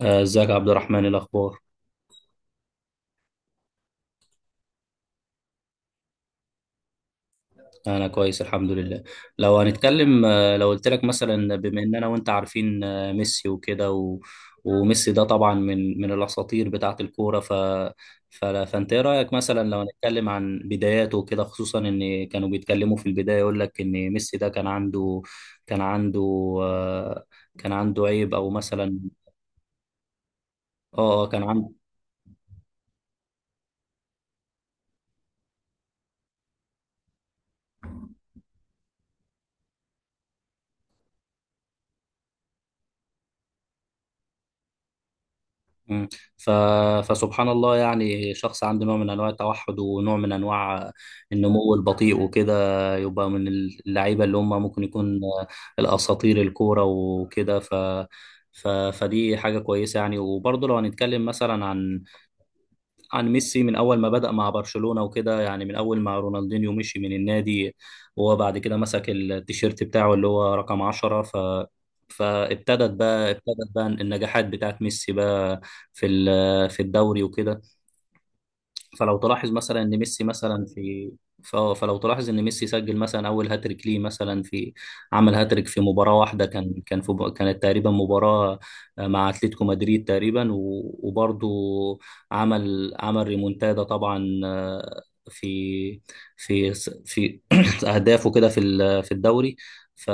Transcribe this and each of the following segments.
ازيك يا عبد الرحمن، إيه الاخبار؟ انا كويس الحمد لله. لو هنتكلم، لو قلت لك مثلا، بما ان انا وانت عارفين ميسي وكده، وميسي ده طبعا من الاساطير بتاعه الكوره. فانت ايه رايك مثلا لو هنتكلم عن بداياته وكده، خصوصا ان كانوا بيتكلموا في البدايه يقول لك ان ميسي ده كان عنده. كان عنده آه، كان عنده عيب او مثلا. اه. كان عنده. مم. ف... فسبحان الله، يعني شخص عنده نوع من انواع التوحد ونوع من انواع النمو البطيء وكده، يبقى من اللعيبه اللي هم ممكن يكون الاساطير الكوره وكده. فدي حاجه كويسه يعني. وبرضه لو هنتكلم مثلا عن ميسي من اول ما بدأ مع برشلونة وكده، يعني من اول ما رونالدينيو مشي من النادي، وهو بعد كده مسك التيشيرت بتاعه اللي هو رقم 10. فابتدت بقى، ابتدت بقى النجاحات بتاعت ميسي بقى في في الدوري وكده. فلو تلاحظ مثلا ان ميسي مثلا في، فلو تلاحظ ان ميسي سجل مثلا اول هاتريك ليه مثلا في، عمل هاتريك في مباراه واحده، كانت تقريبا مباراه مع اتلتيكو مدريد تقريبا، وبرضه عمل ريمونتادا طبعا. في في في اهدافه كده في في الدوري. ف...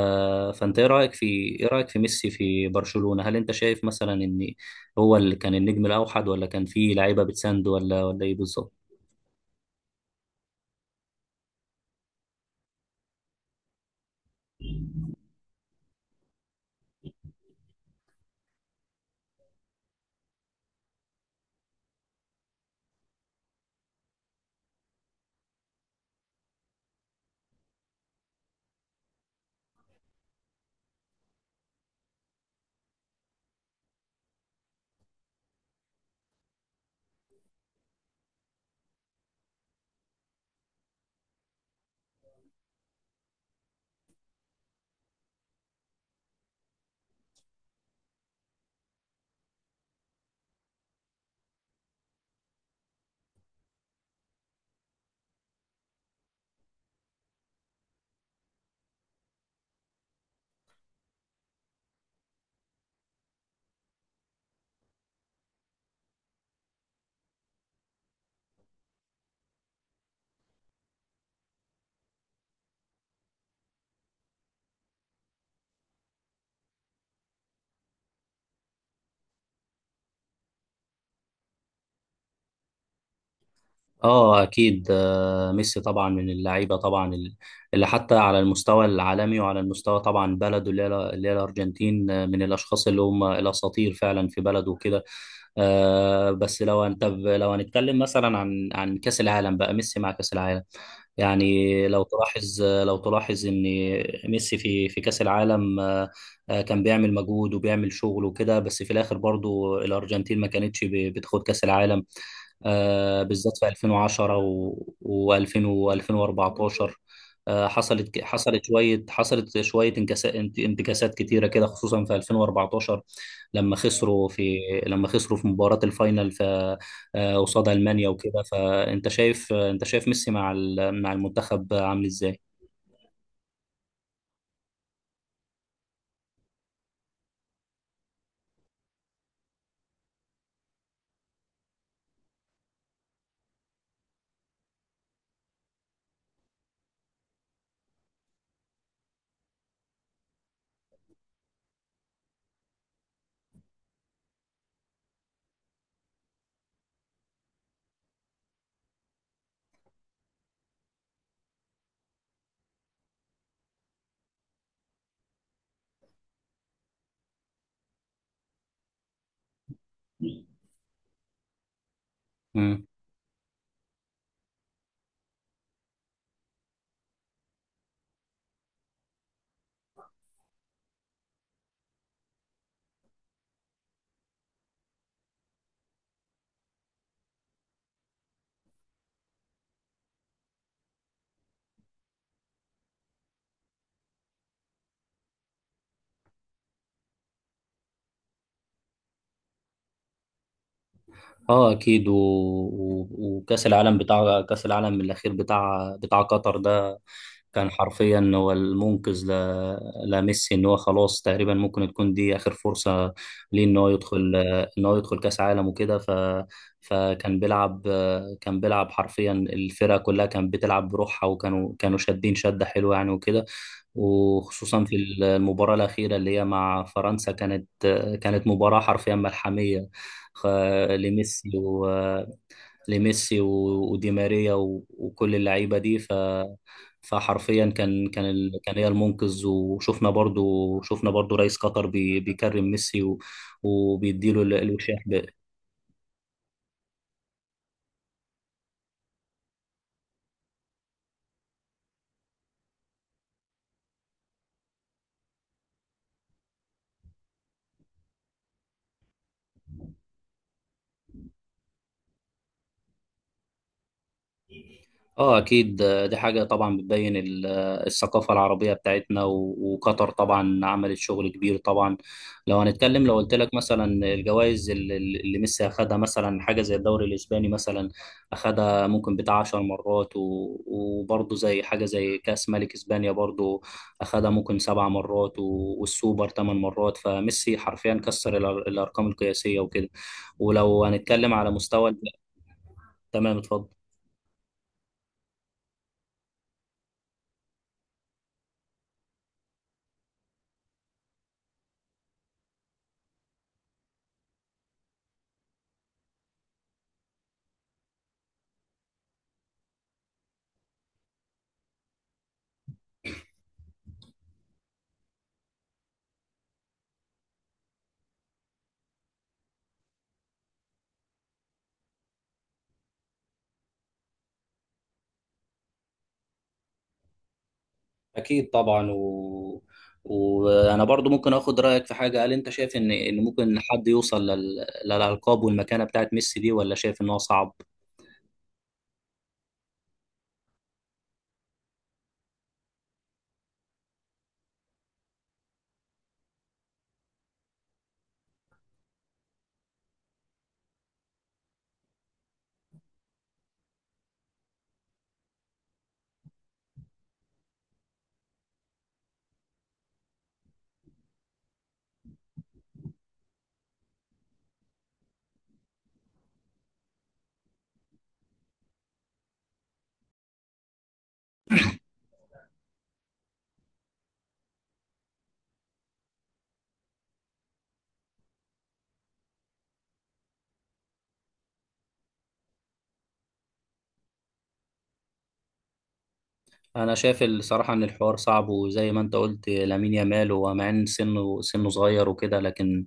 فانت ايه رايك في، ايه رايك في ميسي في برشلونه؟ هل انت شايف مثلا ان هو اللي كان النجم الاوحد، ولا كان في لعيبه بتساند، ولا ايه بالظبط؟ اه اكيد. ميسي طبعا من اللعيبه طبعا، اللي حتى على المستوى العالمي، وعلى المستوى طبعا بلده اللي هي الارجنتين، من الاشخاص اللي هم الاساطير فعلا في بلده وكده. بس لو انت لو هنتكلم مثلا عن كاس العالم بقى، ميسي مع كاس العالم يعني. لو تلاحظ ان ميسي في، في كاس العالم كان بيعمل مجهود وبيعمل شغل وكده، بس في الاخر برضو الارجنتين ما كانتش بتاخد كاس العالم بالذات في 2010 و2000 و2014. حصلت شويه انتكاسات كتيره كده، خصوصا في 2014، لما خسروا في لما خسروا في مباراه الفاينل في، قصاد المانيا وكده. فانت شايف، انت شايف ميسي مع مع المنتخب عامل ازاي؟ اه اكيد. وكاس العالم، بتاع كاس العالم الاخير بتاع بتاع قطر ده، كان حرفيا هو المنقذ لميسي. ان هو خلاص تقريبا ممكن تكون دي اخر فرصه ليه ان هو يدخل، ان هو يدخل كاس عالم وكده. فكان بيلعب، كان بيلعب حرفيا. الفرقه كلها كانت بتلعب بروحها، وكانوا شادين شده حلوه يعني وكده. وخصوصا في المباراة الأخيرة اللي هي مع فرنسا، كانت، كانت مباراة حرفيا ملحمية خ- لميسي، ودي ماريا، وكل اللعيبه دي. فحرفيا كان هي المنقذ. وشفنا برضو، شفنا برضو رئيس قطر بيكرم ميسي، و... وبيديله الوشاح. اه اكيد. دي حاجه طبعا بتبين الثقافه العربيه بتاعتنا. وقطر طبعا عملت شغل كبير طبعا. لو هنتكلم، لو قلت لك مثلا، الجوائز اللي ميسي اخدها، مثلا حاجه زي الدوري الاسباني مثلا اخدها ممكن بتاع 10 مرات، وبرضه زي حاجه زي كاس ملك اسبانيا برضه اخدها ممكن 7 مرات، والسوبر 8 مرات. فميسي حرفيا كسر الارقام القياسيه وكده. ولو هنتكلم على مستوى. تمام اتفضل. اكيد طبعا. وانا برضو ممكن اخد رايك في حاجه. هل انت شايف ان ممكن حد يوصل للالقاب والمكانه بتاعت ميسي دي، ولا شايف ان هو صعب؟ انا شايف الصراحه ان الحوار صعب، وزي ما انت قلت لامين يامال، ومع ان سنه صغير وكده، لكن،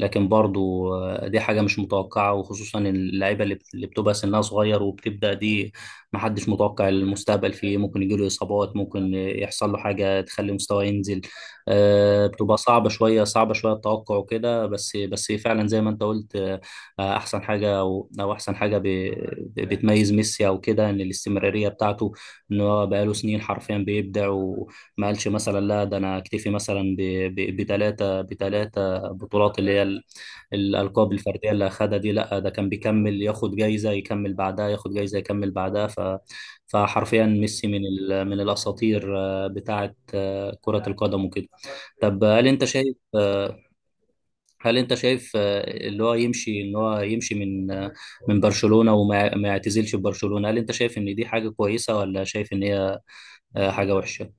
برضه دي حاجه مش متوقعه، وخصوصا اللعيبه اللي بتبقى سنها صغير وبتبدا دي. محدش متوقع المستقبل فيه، ممكن يجيله اصابات، ممكن يحصل له حاجه تخلي مستواه ينزل. بتبقى صعبه شويه، صعبه شويه التوقع وكده، بس، بس فعلا زي ما انت قلت. احسن حاجه، او احسن حاجه بتميز ميسي او كده، ان الاستمراريه بتاعته. ان هو بقاله سنين حرفيا بيبدع، وما قالش مثلا لا ده انا اكتفي مثلا بثلاثه بطولات اللي هي الالقاب الفرديه اللي اخدها دي. لا ده كان بيكمل ياخد جايزه، يكمل بعدها ياخد جايزه، يكمل بعدها. فحرفيا ميسي من الاساطير بتاعه كره القدم وكده. طب هل انت شايف، هل انت شايف اللي هو يمشي، ان هو يمشي من، من برشلونه، وما ما يعتزلش ببرشلونه، هل انت شايف ان دي حاجه كويسه، ولا شايف ان هي حاجة وحشة؟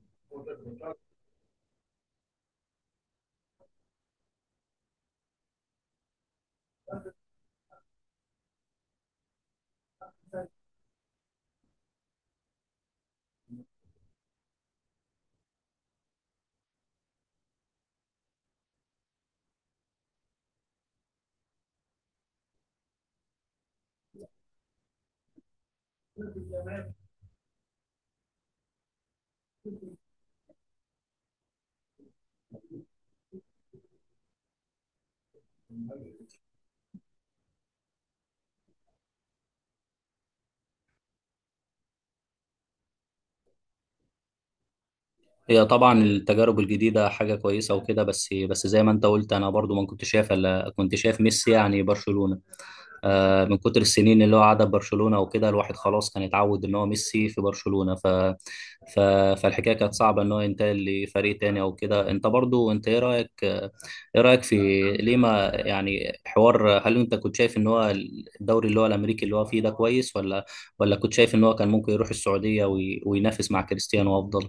هي طبعا التجارب الجديدة حاجة كويسة وكده. بس، بس زي ما انت قلت، انا برضو ما كنت شايف الا كنت شايف ميسي يعني برشلونة. من كتر السنين اللي هو قعدها في برشلونة وكده، الواحد خلاص كان اتعود ان هو ميسي في برشلونة. ف... فالحكاية كانت صعبة ان هو ينتقل لفريق تاني او كده. انت برضو انت ايه رأيك في، ليه ما يعني حوار. هل انت كنت شايف ان هو الدوري اللي هو الامريكي اللي هو فيه ده كويس، ولا، كنت شايف ان هو كان ممكن يروح السعودية وينافس مع كريستيانو افضل؟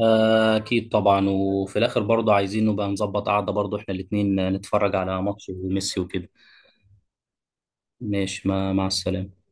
أكيد طبعا. وفي الآخر برضه عايزين نبقى نظبط قعدة برضه إحنا الاتنين نتفرج على ماتش ميسي وكده. ماشي، ما مع السلامة.